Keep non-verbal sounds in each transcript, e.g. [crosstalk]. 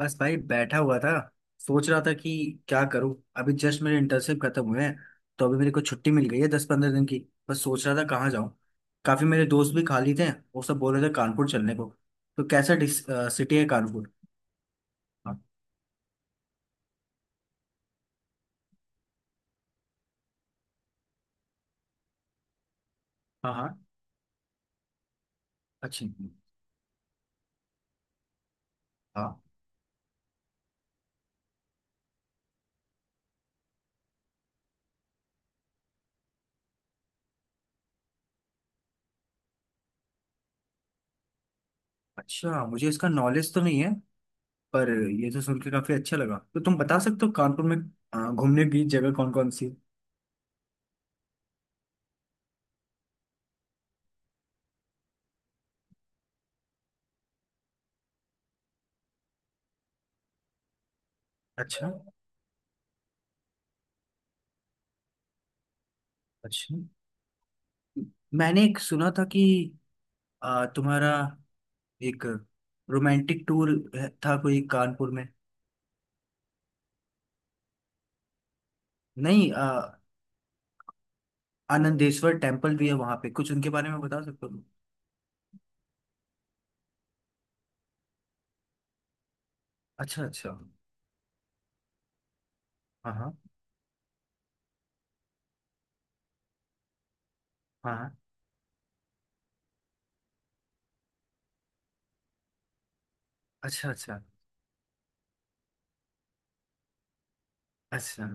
बस भाई बैठा हुआ था। सोच रहा था कि क्या करूं। अभी जस्ट मेरे इंटर्नशिप खत्म हुए हैं। तो अभी मेरे को छुट्टी मिल गई है 10-15 दिन की। बस सोच रहा था कहाँ जाऊं। काफी मेरे दोस्त भी खाली थे। वो सब बोल रहे थे कानपुर चलने को। तो कैसा सिटी है कानपुर? हाँ हाँ हाँ, अच्छी। हाँ। अच्छा, मुझे इसका नॉलेज तो नहीं है। पर ये तो सुन के काफी अच्छा लगा। तो तुम बता सकते हो कानपुर में घूमने की जगह कौन कौन सी है? अच्छा अच्छा। मैंने एक सुना था कि तुम्हारा एक रोमांटिक टूर था कोई कानपुर में। नहीं, आनंदेश्वर टेम्पल भी है वहां पे, कुछ उनके बारे में बता सकते हो? अच्छा अच्छा। हाँ हाँ, हाँ हाँ, अच्छा अच्छा। अच्छा,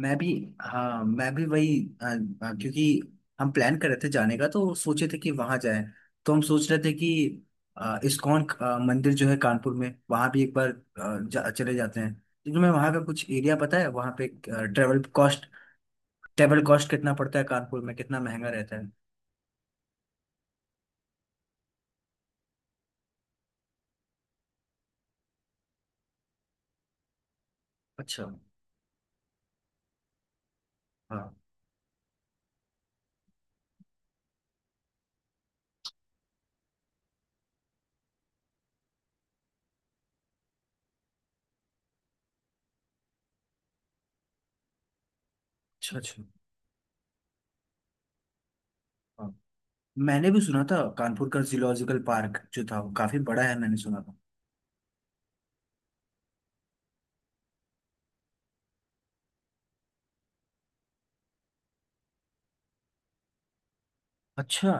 मैं भी। हाँ, मैं भी वही, क्योंकि हम प्लान कर रहे थे जाने का, तो सोचे थे कि वहां जाएं। तो हम सोच रहे थे कि इस्कॉन मंदिर जो है कानपुर में वहां भी एक बार चले जाते हैं। तो तुम्हें वहां का कुछ एरिया पता है वहां पे? ट्रेवल कॉस्ट ट्रेवल कॉस्ट कितना पड़ता है कानपुर में? कितना महंगा रहता है? अच्छा। हाँ। अच्छा अच्छा। हाँ, मैंने भी सुना था कानपुर का जियोलॉजिकल पार्क जो था वो काफी बड़ा है, मैंने सुना था। अच्छा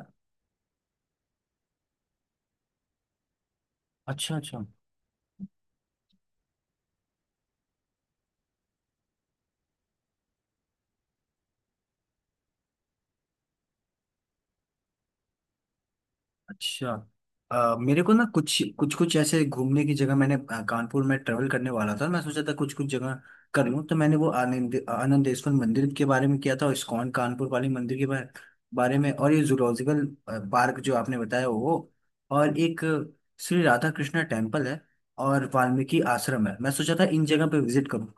अच्छा अच्छा। अच्छा। मेरे को ना कुछ कुछ कुछ ऐसे घूमने की जगह, मैंने कानपुर में ट्रेवल करने वाला था, मैं सोचा था कुछ कुछ जगह कर लूँ। तो मैंने वो आनंदेश्वर मंदिर के बारे में किया था, और इस्कॉन कानपुर वाली मंदिर के बारे बारे में, और ये जूलॉजिकल पार्क जो आपने बताया वो, और एक श्री राधा कृष्णा टेम्पल है, और वाल्मीकि आश्रम है। मैं सोचा था इन जगह पे विजिट करूँ।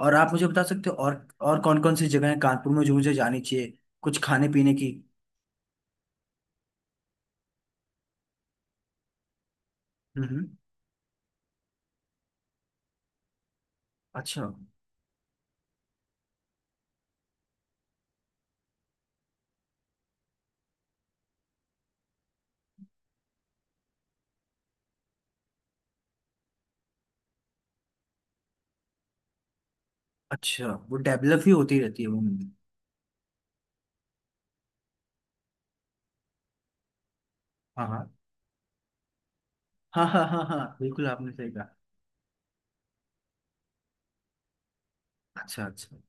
और आप मुझे बता सकते हो और कौन कौन सी जगह है कानपुर में जो मुझे जानी चाहिए? कुछ खाने पीने की। हम्म हम्म, अच्छा अच्छा। वो डेवलप ही होती रहती है वो मूवी? हाँ हाँ। हाँ हाँ हाँ हाँ बिल्कुल आपने सही कहा। अच्छा अच्छा।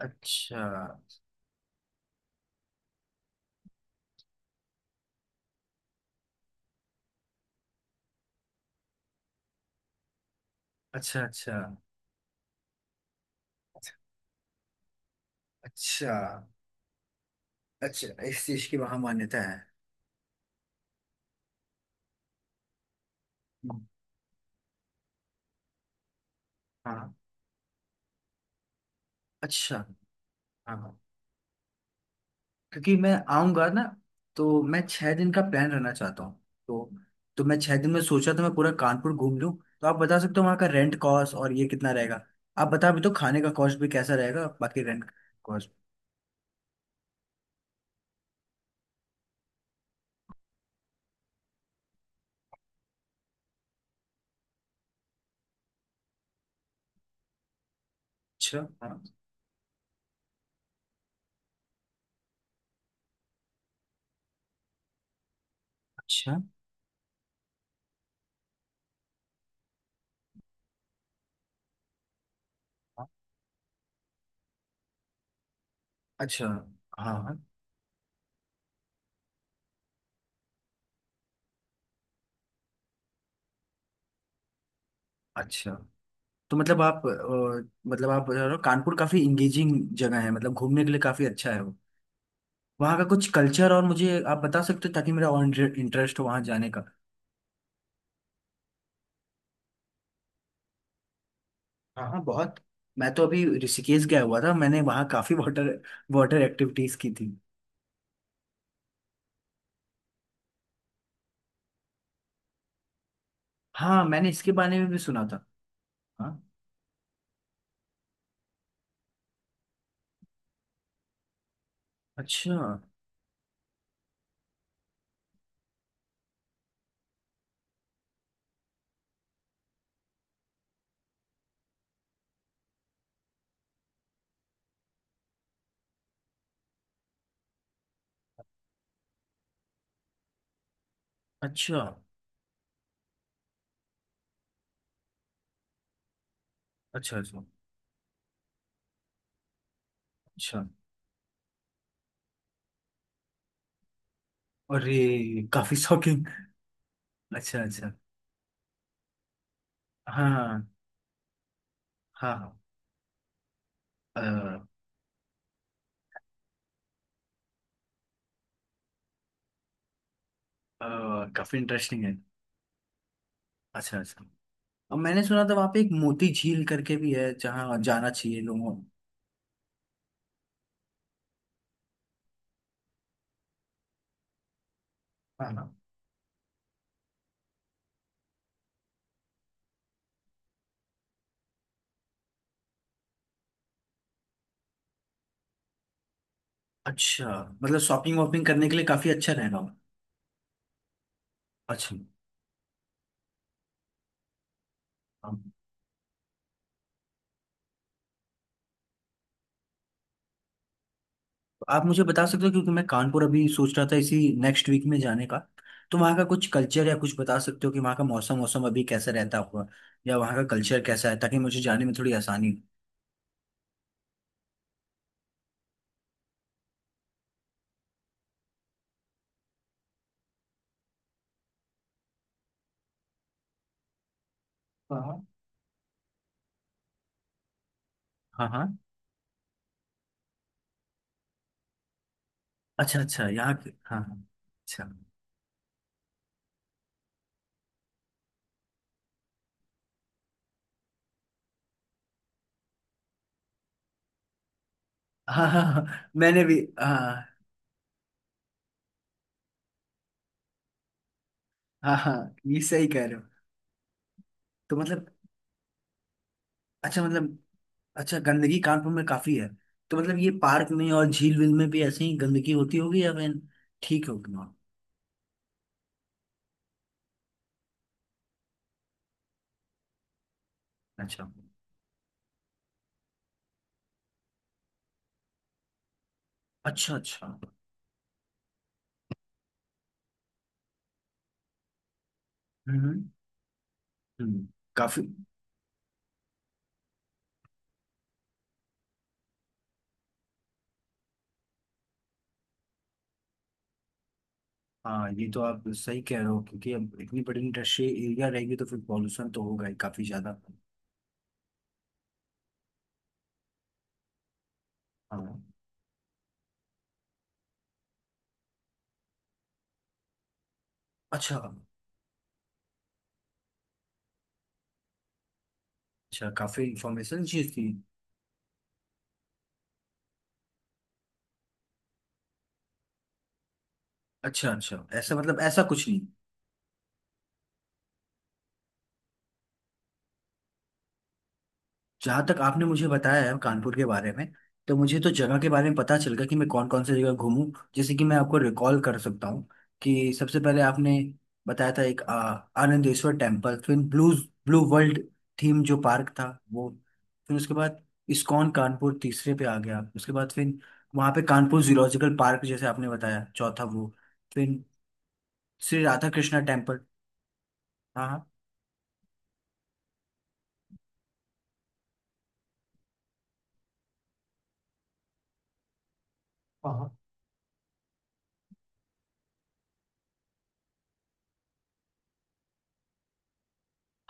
अच्छा अच्छा। अच्छा। अच्छा। अच्छा इस चीज की वहां मान्यता है। हम्म, हाँ। अच्छा। हाँ हाँ। क्योंकि मैं आऊंगा ना, तो मैं 6 दिन का प्लान रहना चाहता हूँ। तो मैं छह दिन में सोचा तो मैं पूरा कानपुर घूम लूँ। तो आप बता सकते हो वहाँ का रेंट कॉस्ट और ये कितना रहेगा? आप बता भी, तो खाने का कॉस्ट भी कैसा रहेगा, बाकी रेंट कॉस्ट? अच्छा हाँ। अच्छा अच्छा। हाँ हाँ, अच्छा। तो मतलब आप, मतलब आप बता रहे हो, कानपुर काफी इंगेजिंग जगह है, मतलब घूमने के लिए काफी अच्छा है वो। वहाँ का कुछ कल्चर और मुझे आप बता सकते हो, ताकि मेरा और इंटरेस्ट हो वहाँ जाने का। हाँ हाँ, बहुत। मैं तो अभी ऋषिकेश गया हुआ था, मैंने वहाँ काफी वाटर वाटर एक्टिविटीज की थी। हाँ, मैंने इसके बारे में भी सुना था। हाँ। अच्छा। अच्छा अच्छा। अच्छा अच्छा। अरे! काफी शॉकिंग। अच्छा अच्छा। हाँ हाँ हाँ। अ, काफी इंटरेस्टिंग है। अच्छा अच्छा। अब मैंने सुना था वहां पे एक मोती झील करके भी है, जहाँ जाना चाहिए लोगों को। हाँ हाँ। अच्छा। मतलब शॉपिंग वॉपिंग करने के लिए काफी अच्छा रहेगा वो। अच्छा। अब आप मुझे बता सकते हो, क्योंकि मैं कानपुर अभी सोच रहा था इसी नेक्स्ट वीक में जाने का। तो वहाँ का कुछ कल्चर या कुछ बता सकते हो कि वहाँ का मौसम मौसम अभी कैसा रहता होगा? या वहाँ का कल्चर कैसा है, ताकि मुझे जाने में थोड़ी आसानी हो। हाँ हाँ। हाँ हाँ। अच्छा अच्छा, यहाँ के। हाँ हाँ, अच्छा। हाँ हाँ हाँ, मैंने भी। हाँ हाँ। हाँ हाँ, ये सही कह रहे हो। तो मतलब, अच्छा मतलब, अच्छा, गंदगी कानपुर में काफी है। तो मतलब ये पार्क में और झील वील में भी ऐसे ही गंदगी होती होगी, या फिर ठीक होगी वहाँ? अच्छा अच्छा। अच्छा। हम्म हम्म। काफी। हाँ, ये तो आप सही कह रहे हो, क्योंकि अब इतनी बड़ी इंडस्ट्रियल एरिया रहेगी तो फिर पॉल्यूशन तो होगा ही काफी ज्यादा। हाँ। अच्छा अच्छा। काफी इंफॉर्मेशन चीज थी। अच्छा अच्छा, ऐसा मतलब ऐसा कुछ नहीं। जहाँ तक आपने मुझे बताया है कानपुर के बारे में, तो मुझे तो जगह के बारे में पता चल गया कि मैं कौन कौन सी जगह घूमूं। जैसे कि मैं आपको रिकॉल कर सकता हूँ कि सबसे पहले आपने बताया था एक, आनंदेश्वर टेम्पल। फिर ब्लू ब्लू वर्ल्ड थीम जो पार्क था वो। फिर उसके बाद इस्कॉन कानपुर तीसरे पे आ गया। उसके बाद फिर वहाँ पे कानपुर जूलॉजिकल पार्क, जैसे आपने बताया, चौथा वो। फिर श्री राधा कृष्णा टेम्पल। हाँ हाँ। हाँ हाँ।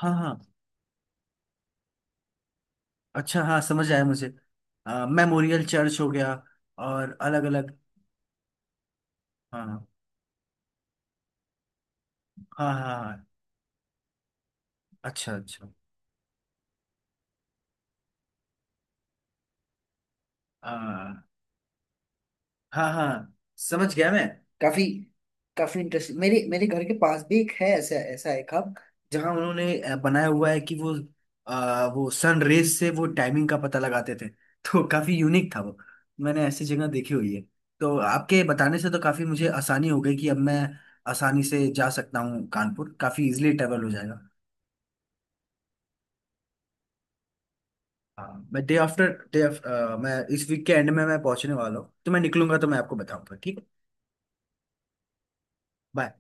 हाँ हाँ, अच्छा हाँ समझ आया मुझे। मेमोरियल चर्च हो गया, और अलग अलग। हाँ हाँ हाँ हाँ, अच्छा अच्छा। आ, हाँ हाँ, समझ गया मैं। काफी, इंटरेस्टिंग। मेरे मेरे घर के पास भी एक है ऐसा, एक हब, जहाँ उन्होंने बनाया हुआ है कि वो सन रेज से वो टाइमिंग का पता लगाते थे [laughs] तो काफी यूनिक था वो। मैंने ऐसी जगह देखी हुई है। तो आपके बताने से तो काफी मुझे आसानी हो गई कि अब मैं आसानी से जा सकता हूँ। कानपुर काफी इजिली ट्रेवल हो जाएगा। हाँ, मैं डे आफ्टर डे मैं इस वीक के एंड में मैं पहुंचने वाला हूँ। तो मैं निकलूंगा तो मैं आपको बताऊंगा, ठीक है। बाय।